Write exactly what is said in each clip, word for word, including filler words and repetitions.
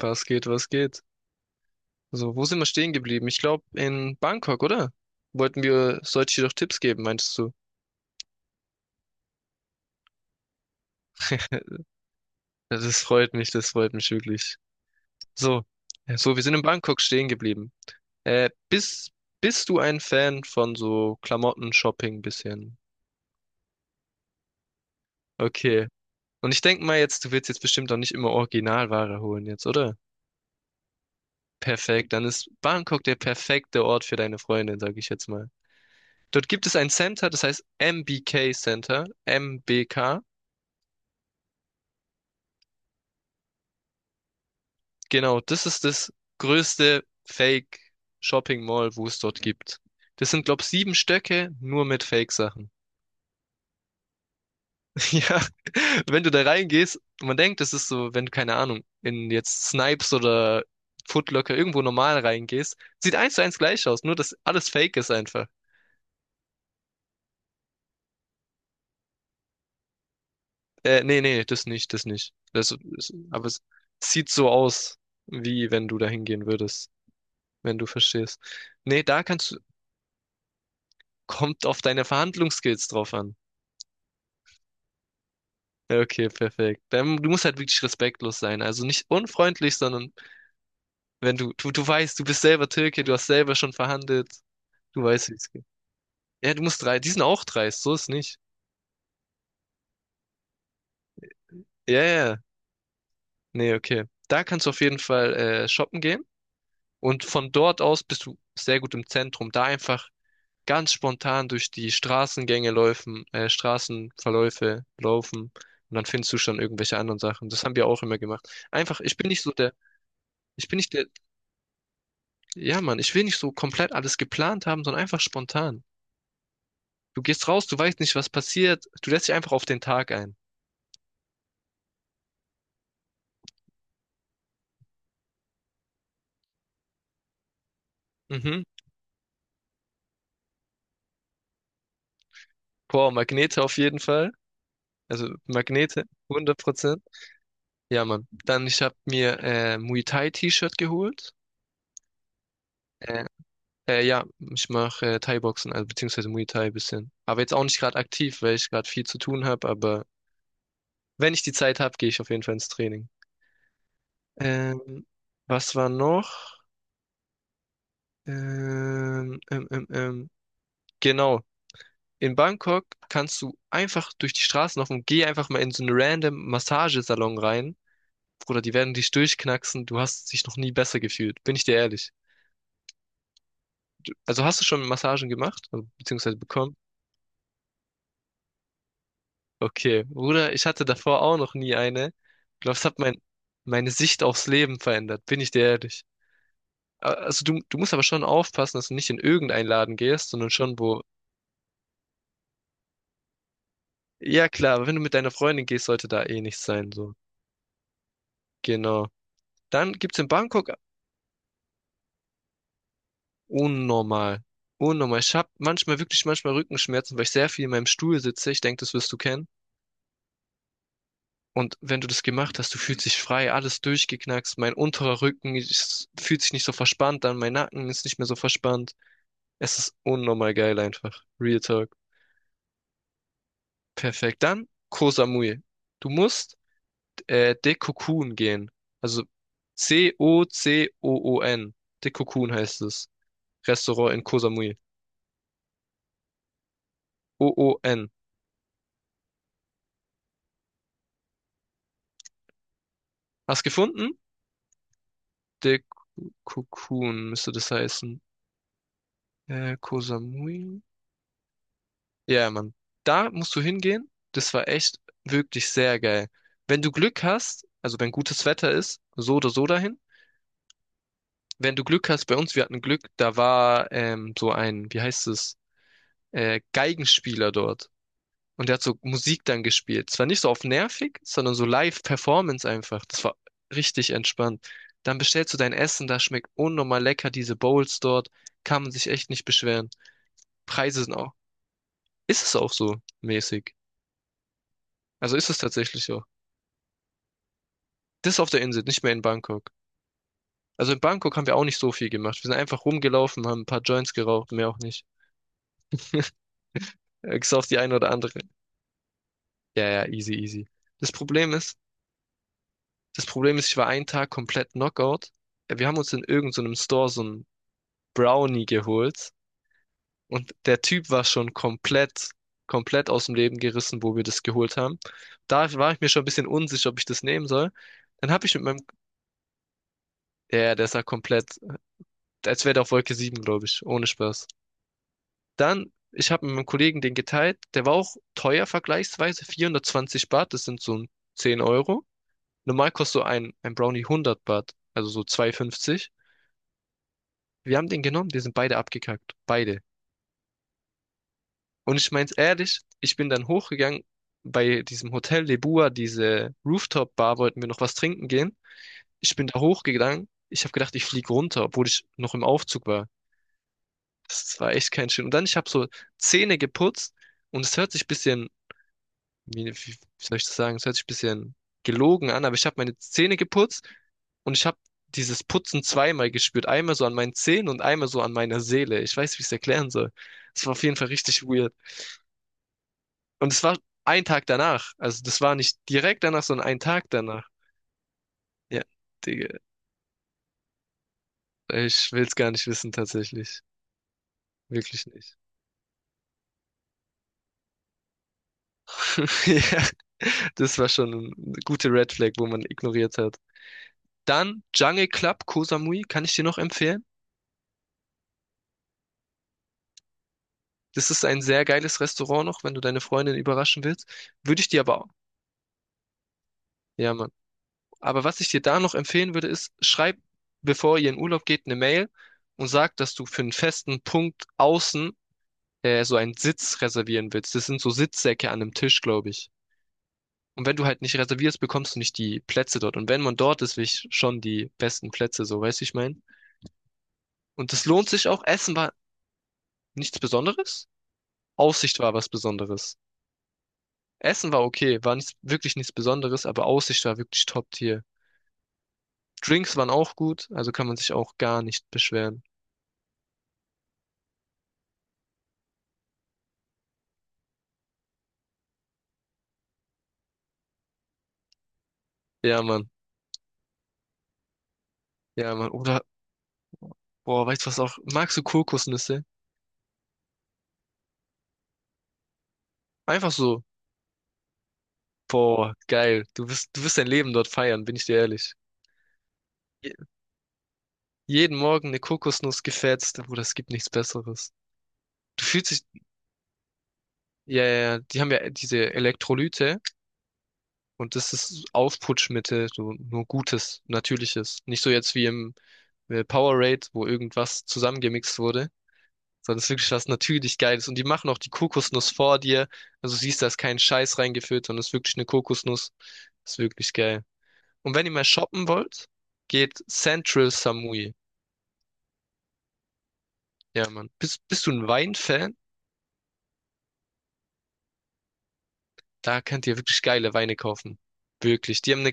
Was geht, was geht? So, wo sind wir stehen geblieben? Ich glaube in Bangkok, oder? Wollten wir, sollte ich dir doch Tipps geben, meinst du? Das freut mich, das freut mich wirklich. So, äh, so, wir sind in Bangkok stehen geblieben. Äh, bist, bist du ein Fan von so Klamotten, Shopping bisschen? Okay. Und ich denke mal jetzt, du willst jetzt bestimmt auch nicht immer Originalware holen jetzt, oder? Perfekt, dann ist Bangkok der perfekte Ort für deine Freundin, sage ich jetzt mal. Dort gibt es ein Center, das heißt M B K Center, M B K. Genau, das ist das größte Fake-Shopping-Mall, wo es dort gibt. Das sind, glaube ich, sieben Stöcke nur mit Fake-Sachen. Ja, wenn du da reingehst, man denkt, das ist so, wenn du, keine Ahnung, in jetzt Snipes oder Foot Locker irgendwo normal reingehst, sieht eins zu eins gleich aus, nur dass alles Fake ist einfach. Äh, nee, nee, das nicht, das nicht. Das, das, aber es sieht so aus, wie wenn du da hingehen würdest, wenn du verstehst. Nee, da kannst du, kommt auf deine Verhandlungsskills drauf an. Ja, okay, perfekt. Dann, du musst halt wirklich respektlos sein. Also nicht unfreundlich, sondern wenn du, du, du weißt, du bist selber Türke, du hast selber schon verhandelt. Du weißt, wie es geht. Ja, du musst drei, die sind auch dreist, so ist nicht. Ja, ja. ja. Nee, okay. Da kannst du auf jeden Fall äh, shoppen gehen. Und von dort aus bist du sehr gut im Zentrum. Da einfach ganz spontan durch die Straßengänge laufen, äh, Straßenverläufe laufen. Und dann findest du schon irgendwelche anderen Sachen. Das haben wir auch immer gemacht. Einfach, ich bin nicht so der, ich bin nicht der, Ja, Mann, ich will nicht so komplett alles geplant haben, sondern einfach spontan. Du gehst raus, du weißt nicht, was passiert. Du lässt dich einfach auf den Tag ein. Mhm. Boah, Magnete auf jeden Fall. Also Magnete, hundert Prozent. Ja, Mann. Dann, ich habe mir äh, Muay Thai T-Shirt geholt. Äh, äh, ja, ich mache äh, Thai-Boxen, also beziehungsweise Muay Thai ein bisschen. Aber jetzt auch nicht gerade aktiv, weil ich gerade viel zu tun habe. Aber wenn ich die Zeit habe, gehe ich auf jeden Fall ins Training. Ähm, was war noch? Ähm, ähm, ähm, ähm. Genau, in Bangkok kannst du einfach durch die Straßen laufen und geh einfach mal in so einen random Massagesalon rein. Bruder, die werden dich durchknacksen. Du hast dich noch nie besser gefühlt. Bin ich dir ehrlich. Also hast du schon Massagen gemacht? Also, beziehungsweise bekommen? Okay. Bruder, ich hatte davor auch noch nie eine. Ich glaube, es hat mein, meine Sicht aufs Leben verändert. Bin ich dir ehrlich. A- Also du, du musst aber schon aufpassen, dass du nicht in irgendeinen Laden gehst, sondern schon wo. Ja klar, aber wenn du mit deiner Freundin gehst, sollte da eh nichts sein. So. Genau. Dann gibt's in Bangkok Unnormal. Unnormal. Ich habe manchmal wirklich manchmal Rückenschmerzen, weil ich sehr viel in meinem Stuhl sitze. Ich denke, das wirst du kennen. Und wenn du das gemacht hast, du fühlst dich frei, alles durchgeknackst. Mein unterer Rücken ist, fühlt sich nicht so verspannt an, mein Nacken ist nicht mehr so verspannt. Es ist unnormal geil einfach. Real Talk. Perfekt. Dann Koh Samui. Du musst äh, Dekokun gehen. Also C-O-C-O-O-N. Dekokun heißt es. Restaurant in Koh Samui. O-O-N. Hast gefunden? Cocoon müsste das heißen. Äh, Koh Samui? Ja, Mann. Da musst du hingehen. Das war echt wirklich sehr geil. Wenn du Glück hast, also wenn gutes Wetter ist, so oder so dahin. Wenn du Glück hast, bei uns, wir hatten Glück, da war ähm, so ein, wie heißt es, äh, Geigenspieler dort. Und der hat so Musik dann gespielt. Zwar nicht so auf nervig, sondern so Live-Performance einfach. Das war richtig entspannt. Dann bestellst du dein Essen, da schmeckt unnormal lecker, diese Bowls dort. Kann man sich echt nicht beschweren. Preise sind auch. Ist es auch so mäßig? Also ist es tatsächlich so. Das auf der Insel, nicht mehr in Bangkok. Also in Bangkok haben wir auch nicht so viel gemacht. Wir sind einfach rumgelaufen, haben ein paar Joints geraucht, mehr auch nicht. Äh, Bis auf die eine oder andere. Ja, ja, easy, easy. Das Problem ist, das Problem ist, ich war einen Tag komplett Knockout. Äh, Wir haben uns in irgendeinem so einem Store so einen Brownie geholt und der Typ war schon komplett, komplett aus dem Leben gerissen, wo wir das geholt haben. Da war ich mir schon ein bisschen unsicher, ob ich das nehmen soll. Dann habe ich mit meinem, ja, ja, der sah komplett als wäre der auf Wolke sieben glaube ich. Ohne Spaß. Dann, ich habe mit meinem Kollegen den geteilt. Der war auch teuer vergleichsweise. vierhundertzwanzig Baht, das sind so ein zehn Euro. Normal kostet so ein, ein Brownie hundert Baht, also so zwei fünfzig. Wir haben den genommen, wir sind beide abgekackt. Beide. Und ich mein's ehrlich, ich bin dann hochgegangen bei diesem Hotel Lebua, diese Rooftop-Bar, wollten wir noch was trinken gehen. Ich bin da hochgegangen. Ich habe gedacht, ich fliege runter, obwohl ich noch im Aufzug war. Das war echt kein schön. Und dann, ich habe so Zähne geputzt und es hört sich ein bisschen, wie, wie wie soll ich das sagen, es hört sich ein bisschen gelogen an, aber ich habe meine Zähne geputzt und ich habe dieses Putzen zweimal gespürt. Einmal so an meinen Zähnen und einmal so an meiner Seele. Ich weiß, wie ich es erklären soll. Es war auf jeden Fall richtig weird. Und es war ein Tag danach. Also das war nicht direkt danach, sondern ein Tag danach. Ja, Digga, ich will es gar nicht wissen tatsächlich. Wirklich nicht. Ja, das war schon eine gute Red Flag, wo man ignoriert hat. Dann Jungle Club Koh Samui kann ich dir noch empfehlen. Das ist ein sehr geiles Restaurant noch, wenn du deine Freundin überraschen willst. Würde ich dir aber auch. Ja, Mann. Aber was ich dir da noch empfehlen würde, ist, schreib, bevor ihr in Urlaub geht, eine Mail und sag, dass du für einen festen Punkt außen äh, so einen Sitz reservieren willst. Das sind so Sitzsäcke an einem Tisch, glaube ich. Und wenn du halt nicht reservierst, bekommst du nicht die Plätze dort. Und wenn man dort ist, will ich schon die besten Plätze, so weißt du, ich mein. Und das lohnt sich auch. Essen war nichts Besonderes. Aussicht war was Besonderes. Essen war okay, war nicht, wirklich nichts Besonderes, aber Aussicht war wirklich Top-Tier. Drinks waren auch gut, also kann man sich auch gar nicht beschweren. Ja, Mann. Ja, Mann. Oder, boah, weißt du was auch? Magst du Kokosnüsse? Einfach so. Boah, geil. Du wirst, du wirst dein Leben dort feiern, bin ich dir ehrlich. Je- Jeden Morgen eine Kokosnuss gefetzt, Bruder, es gibt nichts Besseres. Du fühlst dich, ja, ja, ja, die haben ja diese Elektrolyte, Und das ist Aufputschmittel, so nur Gutes, Natürliches. Nicht so jetzt wie im äh, Powerade, wo irgendwas zusammengemixt wurde, sondern es ist wirklich was natürlich Geiles. Und die machen auch die Kokosnuss vor dir. Also siehst, da ist kein Scheiß reingefüllt, sondern es ist wirklich eine Kokosnuss. Ist wirklich geil. Und wenn ihr mal shoppen wollt, geht Central Samui. Ja, Mann. Bist, bist du ein Weinfan? Da könnt ihr wirklich geile Weine kaufen. Wirklich. Die haben eine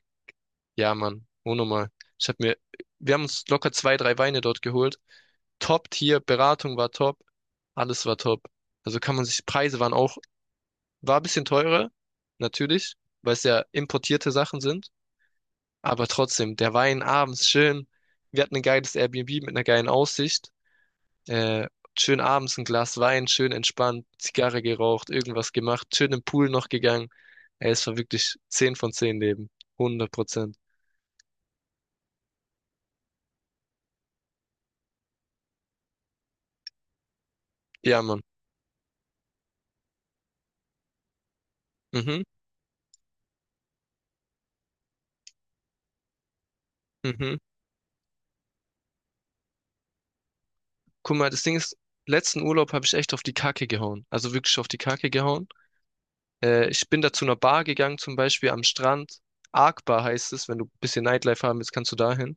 Ja, Mann, unnormal. Ich hab mir, wir haben uns locker zwei, drei Weine dort geholt. Top-Tier, Beratung war top, alles war top. Also kann man sich, Preise waren auch, war ein bisschen teurer, natürlich, weil es ja importierte Sachen sind. Aber trotzdem, der Wein abends schön. Wir hatten ein geiles Airbnb mit einer geilen Aussicht. Äh, schön abends ein Glas Wein, schön entspannt, Zigarre geraucht, irgendwas gemacht, schön im Pool noch gegangen. Ey, es war wirklich zehn von zehn Leben. Hundert Prozent. Ja, Mann. Mhm, mhm. Guck mal, das Ding ist, letzten Urlaub habe ich echt auf die Kacke gehauen. Also wirklich auf die Kacke gehauen. Äh, ich bin da zu einer Bar gegangen, zum Beispiel am Strand. Arc Bar heißt es, wenn du ein bisschen Nightlife haben willst, kannst du dahin.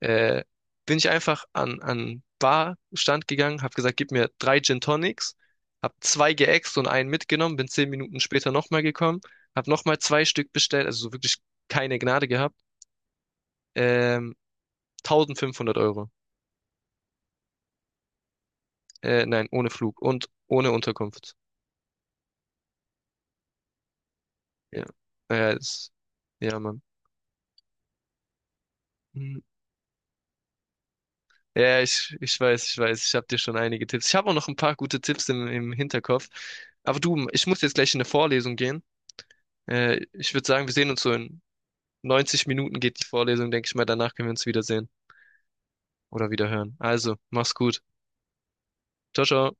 Äh, Bin ich einfach an an Barstand gegangen, habe gesagt, gib mir drei Gin Tonics, habe zwei geäxt und einen mitgenommen, bin zehn Minuten später nochmal gekommen, habe nochmal zwei Stück bestellt, also so wirklich keine Gnade gehabt. Ähm, tausendfünfhundert Euro. Äh, nein, ohne Flug und ohne Unterkunft. Ja. Ah ja, ist, ja, Mann. Hm. Ja, ich, ich weiß, ich weiß. Ich habe dir schon einige Tipps. Ich habe auch noch ein paar gute Tipps im, im Hinterkopf. Aber du, ich muss jetzt gleich in eine Vorlesung gehen. Äh, ich würde sagen, wir sehen uns so in neunzig Minuten geht die Vorlesung, denke ich mal. Danach können wir uns wiedersehen oder wiederhören. Also, mach's gut. Ciao, ciao.